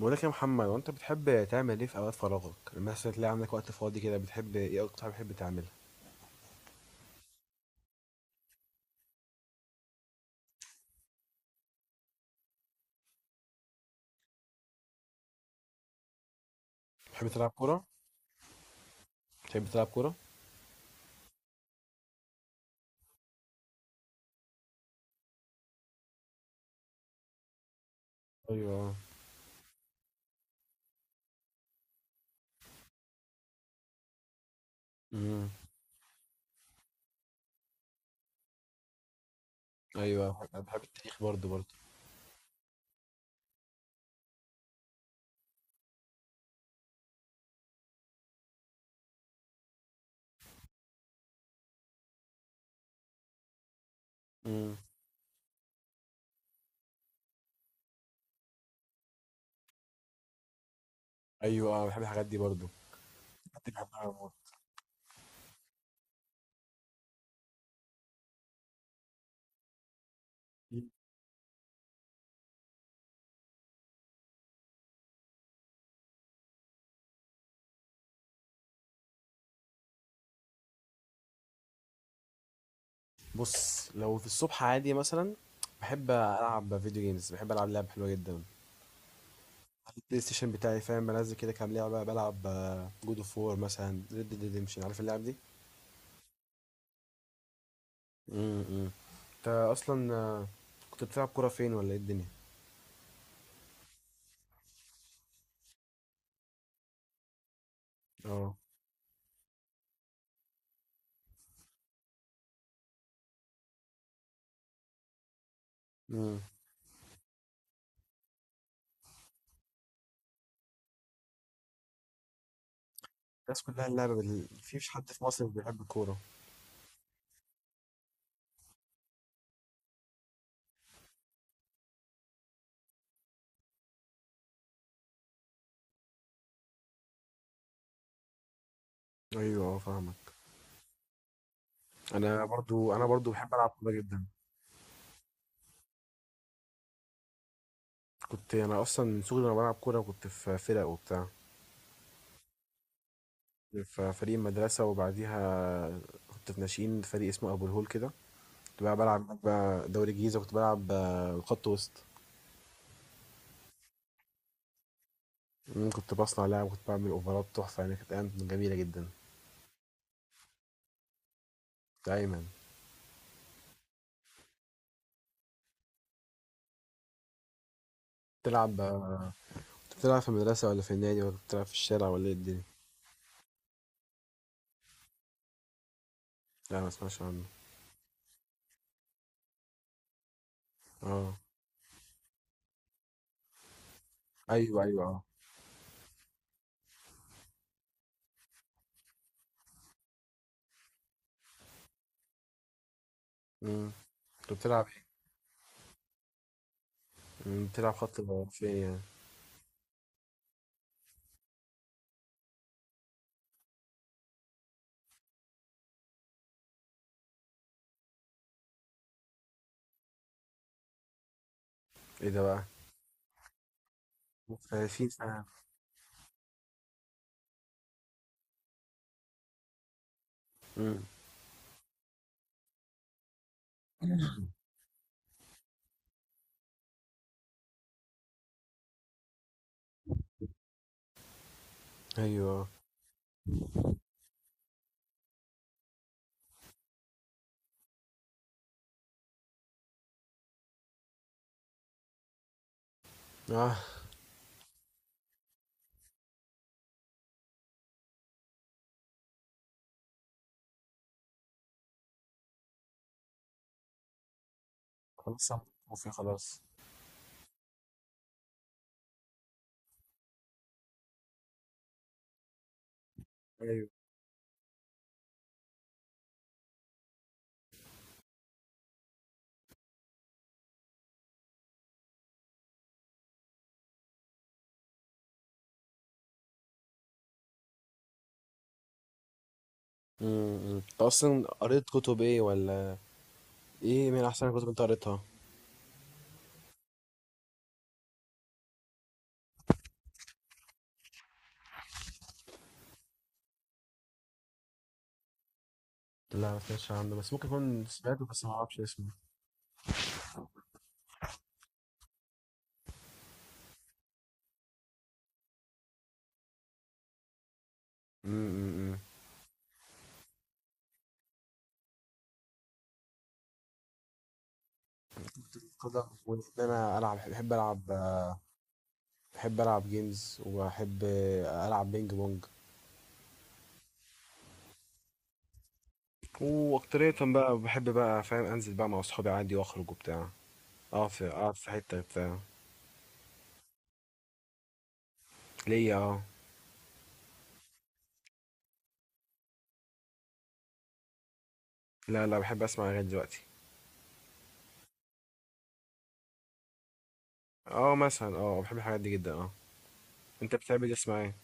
بقولك يا محمد، وانت بتحب تعمل ايه في اوقات فراغك؟ لما مثلا تلاقي عندك وقت فاضي كده بتحب ايه؟ اكتر حاجه بتحب تعملها؟ بتحب تلعب كوره؟ بتحب تلعب كوره؟ ايوه، امم، ايوه. أنا بحب التاريخ برضو برضو. امم، ايوه، آه، بحب الحاجات دي برضو. الحاجات دي بحبها موت. مم. بص، لو في الصبح عادي مثلا بحب العب فيديو جيمز. بحب العب لعب حلوه جدا على البلاي ستيشن بتاعي، فاهم؟ بنزل كده كام لعبه بلعب، جود اوف وور مثلا، ريد ديد ريدمشن، عارف اللعب دي؟ امم. انت اصلا كنت بتلعب كوره فين ولا ايه الدنيا؟ اه، امم. الناس كلها اللعبة مفيش حد في مصر مش بيحب الكورة. ايوه، اه، فاهمك. انا برضو بحب العب كورة جدا. كنت انا اصلا من صغري وانا بلعب كورة، كنت في فرق وبتاع، في فريق المدرسة، وبعديها كنت في ناشئين فريق اسمه ابو الهول كده. كنت بقى بلعب هناك بقى دوري الجيزة، كنت بلعب خط وسط. كنت بصنع لعب، كنت بعمل اوفرات تحفة، يعني كانت ايام جميلة جدا. دايما. تلعب آه، كنت بتلعب في المدرسة ولا في النادي ولا كنت بتلعب في الشارع ولا ايه الدنيا؟ لا، ما اسمعش عنه. اه، ايوه، ايوه، اه. مم. كنت بتلعب ايه؟ بتلعب خط فين يعني؟ ايه ده بقى؟ فين فاهم. امم، ايوه، اه، خلاص. أنا متوفي خلاص. ايوه، امم، أمم. انت اصلا قريت كتب ايه؟ ولا ايه من احسن الكتب انت قريتها؟ لا، ما سمعتش عنه، بس ممكن اكون سمعته بس ما اعرفش اسمه. امم، أمم، أمم. قدر وان انا العب، بحب العب جيمز، وبحب العب بينج بونج. واكترية بقى بحب بقى، فاهم؟ انزل بقى مع اصحابي عادي واخرج وبتاع، اقعد في حتة بتاع. ليا، اه. لا لا، بحب اسمع اغاني دلوقتي. اه، مثلا، اه بحب الحاجات دي جدا، اه. انت بتحب تسمع ايه؟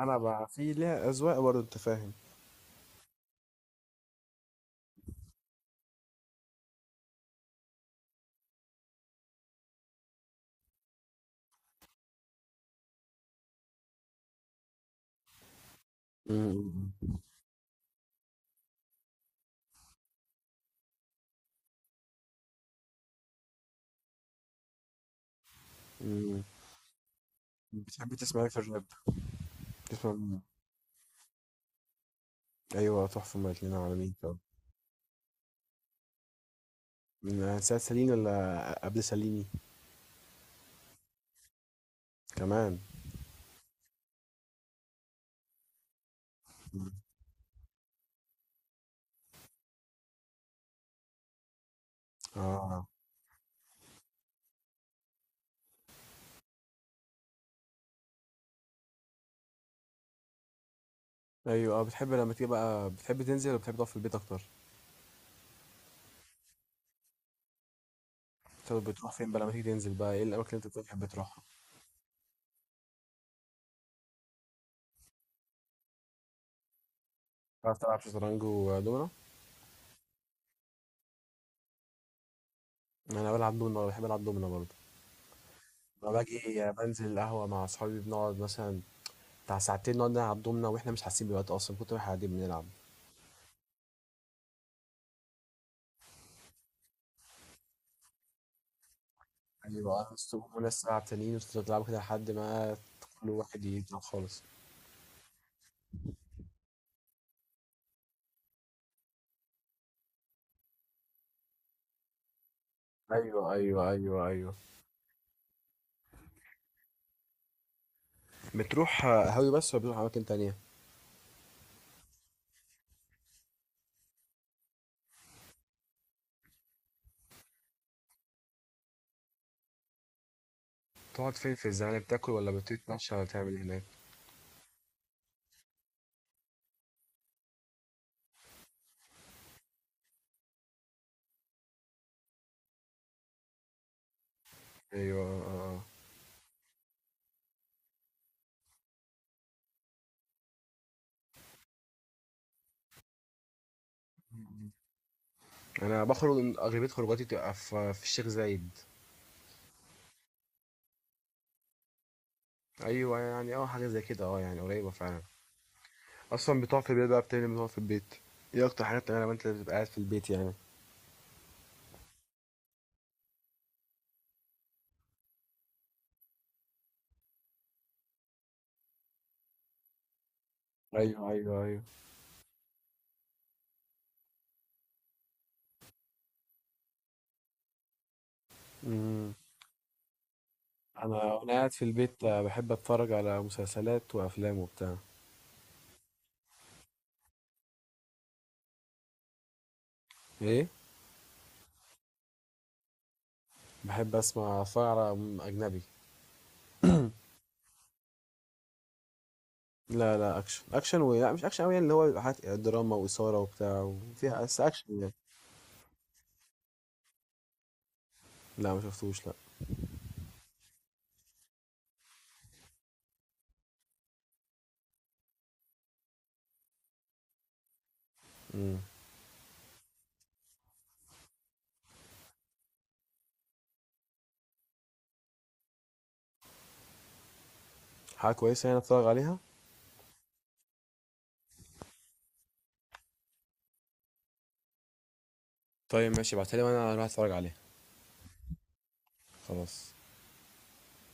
انا بقى في ليها اذواق برضه، انت فاهم؟ أمم، أمم. بتحب تسمع ايه في الراب؟ تسمع مين؟ ايوه، تحفه هما الاتنين، عالمين طب. من ساعة ساليني ولا قبل ساليني كمان؟ أمم. اه، ايوه، اه. بتحب لما تيجي بقى بتحب تنزل ولا بتحب تقعد في البيت اكتر؟ طب بتروح فين بقى لما تيجي تنزل بقى؟ ايه الاماكن اللي انت بتحب تروحها؟ بتعرف تلعب شطرنج ودومنا؟ انا بلعب دومنا، بحب العب دومنا برضه. لما باجي بنزل القهوة مع أصحابي بنقعد مثلا بتاع ساعتين نقعد نلعب دومنا، وإحنا مش حاسين بالوقت أصلا كتر ما إحنا قاعدين بنلعب. يعني بقى الصبح ناس ساعة تانيين، وتفضلوا تلعبوا كده لحد ما كل واحد يبدأ خالص. أيوه، أيوه، أيوه، أيوه. بتروح قهاوي بس ولا بتروح أماكن تانية؟ بتقعد فين في الزمالك؟ بتاكل ولا بتتمشى ولا بتعمل إيه هناك؟ أيوه، آه. أنا بخرج أغلبية خروجاتي تبقى في الشيخ زايد. أيوه، يعني أه حاجة زي كده، أه يعني قريبة فعلا. اصلا بتقعد في البيت بقى بتعمل ايه؟ بتقعد في البيت، ايه اكتر حاجه بتعملها لما انت بتبقى قاعد في البيت يعني؟ ايوه، ايوه، ايوه، امم. انا وانا قاعد في البيت بحب اتفرج على مسلسلات وافلام وبتاع. ايه؟ بحب اتفرج على اجنبي. لا لا، اكشن، لا مش اكشن قوي، يعني اللي هو بيبقى حاجات دراما واثاره وبتاع وفيها بس اكشن يعني. لا ما شفتوش، لا. امم. حاجه كويسه يعني اتفرج عليها. طيب ماشي، ابعتها لي وانا اروح اتفرج عليها. خلاص.